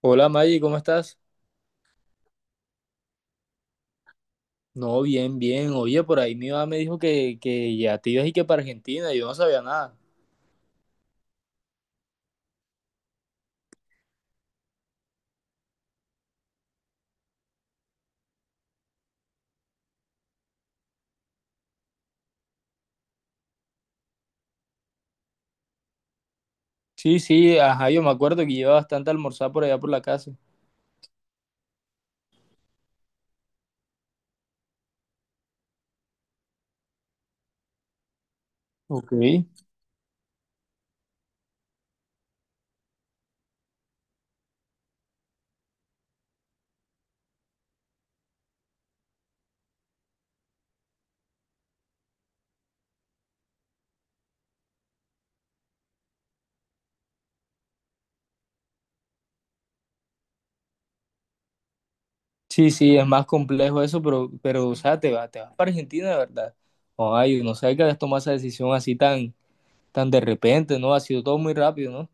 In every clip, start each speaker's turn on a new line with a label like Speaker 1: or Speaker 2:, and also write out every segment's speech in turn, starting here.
Speaker 1: Hola Maggie, ¿cómo estás? No, bien, bien. Oye, por ahí mi mamá me dijo que ya te ibas y que para Argentina, yo no sabía nada. Sí, sí, ajá, yo me acuerdo que lleva bastante a almorzar por allá por la casa. Ok. Sí, sí, es más complejo eso, pero, o sea, te vas para Argentina de verdad. Ay, no sabía que habías tomado esa decisión así tan, tan de repente, ¿no? Ha sido todo muy rápido, ¿no?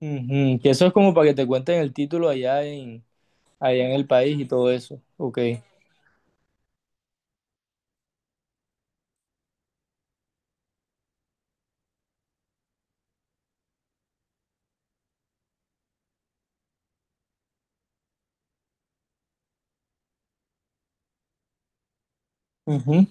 Speaker 1: Ujú, que eso es como para que te cuenten el título allá en, allá en el país y todo eso. Ok. Ujú.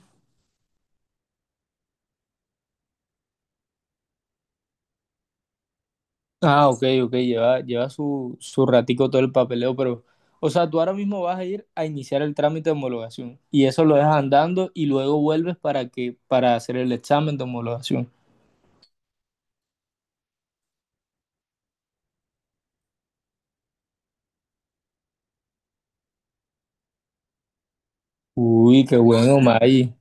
Speaker 1: Ah, ok, ok, lleva, lleva su, su ratico todo el papeleo, pero, o sea, tú ahora mismo vas a ir a iniciar el trámite de homologación y eso lo dejas andando y luego vuelves para que, para hacer el examen de homologación. Uy, qué bueno, May.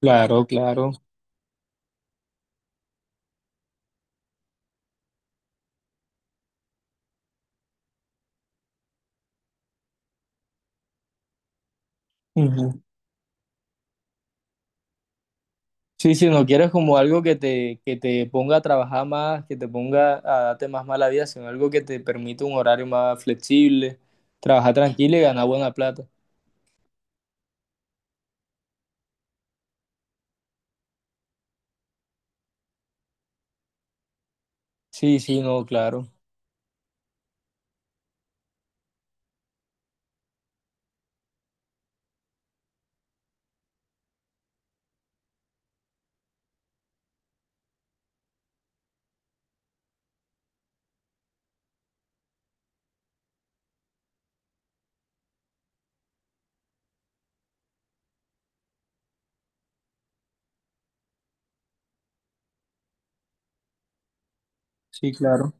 Speaker 1: Claro, claro. Ujú. Sí, si no quieres como algo que te ponga a trabajar más, que te ponga a darte más mala vida, sino algo que te permita un horario más flexible, trabajar tranquilo y ganar buena plata. Sí, sí, no, claro. Sí, claro.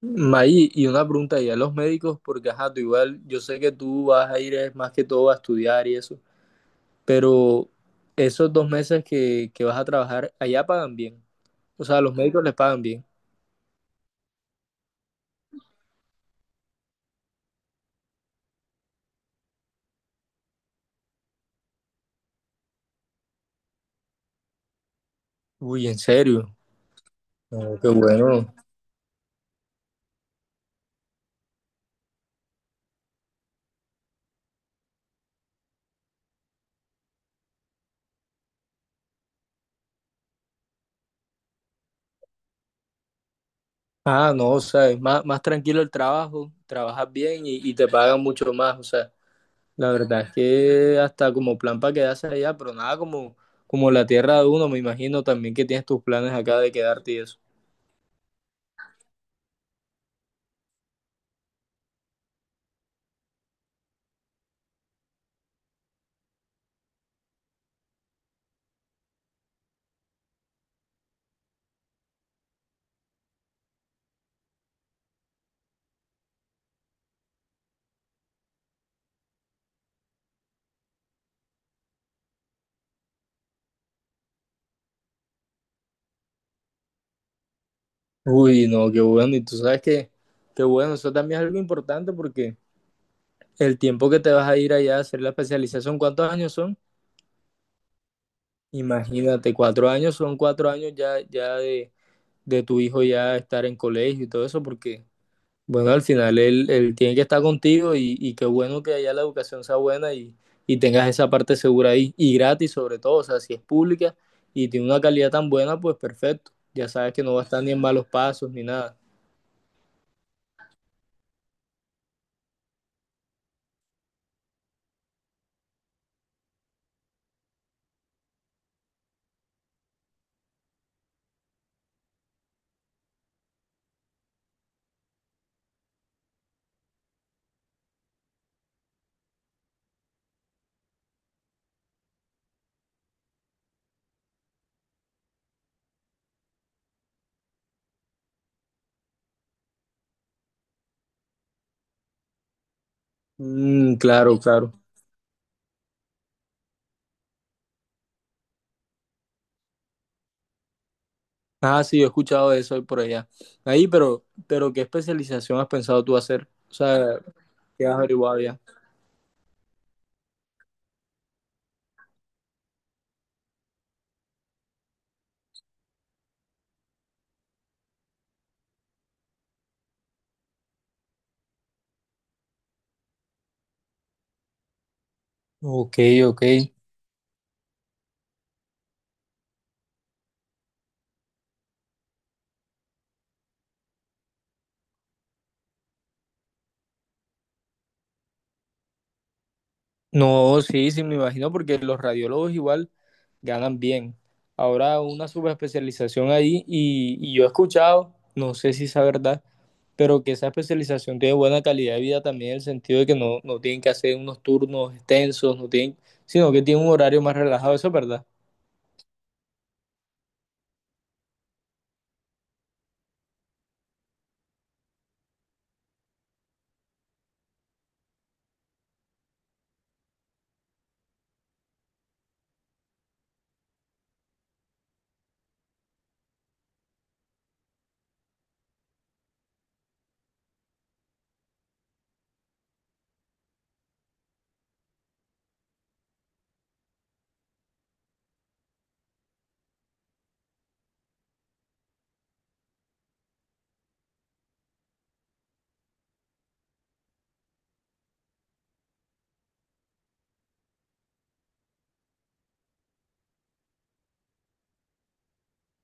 Speaker 1: May, y una pregunta y a los médicos, porque ajá, tú igual, yo sé que tú vas a ir es más que todo a estudiar y eso, pero esos dos meses que vas a trabajar, allá pagan bien. O sea, a los médicos les pagan bien. Uy, en serio. No, qué bueno. Ah, no, o sea, es más, más tranquilo el trabajo, trabajas bien y te pagan mucho más. O sea, la verdad es que hasta como plan para quedarse allá, pero nada como, como la tierra de uno, me imagino también que tienes tus planes acá de quedarte y eso. Uy, no, qué bueno. Y tú sabes que, qué bueno, eso también es algo importante porque el tiempo que te vas a ir allá a hacer la especialización, ¿cuántos años son? Imagínate, cuatro años son cuatro años ya, ya de tu hijo ya estar en colegio y todo eso, porque, bueno, al final él, él tiene que estar contigo y qué bueno que allá la educación sea buena y tengas esa parte segura ahí y gratis sobre todo, o sea, si es pública y tiene una calidad tan buena, pues perfecto. Ya sabes que no va a estar ni en malos pasos ni nada. Mm, claro, claro. Ah, sí, yo he escuchado de eso ahí por allá. Ahí, pero ¿qué especialización has pensado tú hacer? O sea, ¿qué has averiguado ya? Ok, ok. No, sí, sí, me imagino porque los radiólogos igual ganan bien. Ahora una subespecialización ahí y yo he escuchado, no sé si es verdad, pero que esa especialización tiene buena calidad de vida también en el sentido de que no, no tienen que hacer unos turnos extensos, no tienen, sino que tienen un horario más relajado, ¿eso es verdad?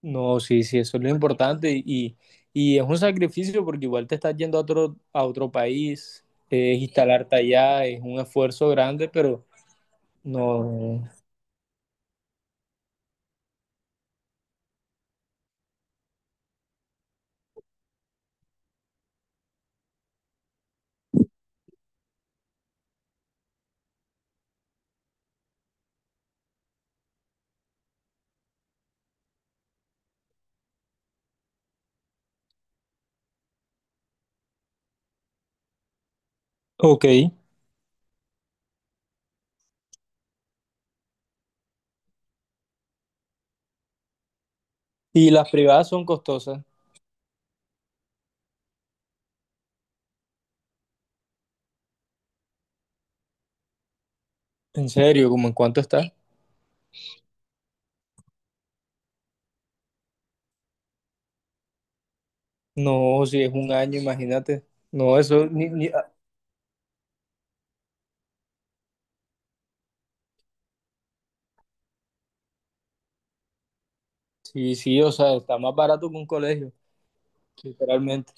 Speaker 1: No, sí, sí, eso es lo importante y es un sacrificio porque igual te estás yendo a otro país, es instalarte allá, es un esfuerzo grande, pero no. Ok, y las privadas son costosas, en serio, ¿cómo en cuánto está? No, si es un año, imagínate. No, eso, ni, ni- ah, sí, sí, o sea, está más barato que un colegio, literalmente.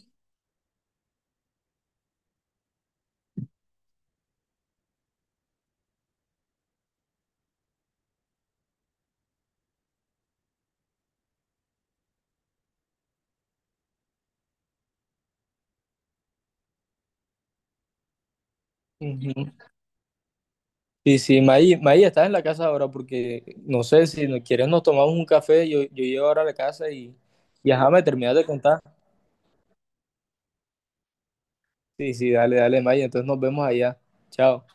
Speaker 1: Sí, sí, Maí, Maí, estás en la casa ahora porque no sé si no quieres nos tomamos un café, yo llego ahora a la casa y ajá, me terminas de contar. Sí, sí, dale, dale, Maí, entonces nos vemos allá. Chao.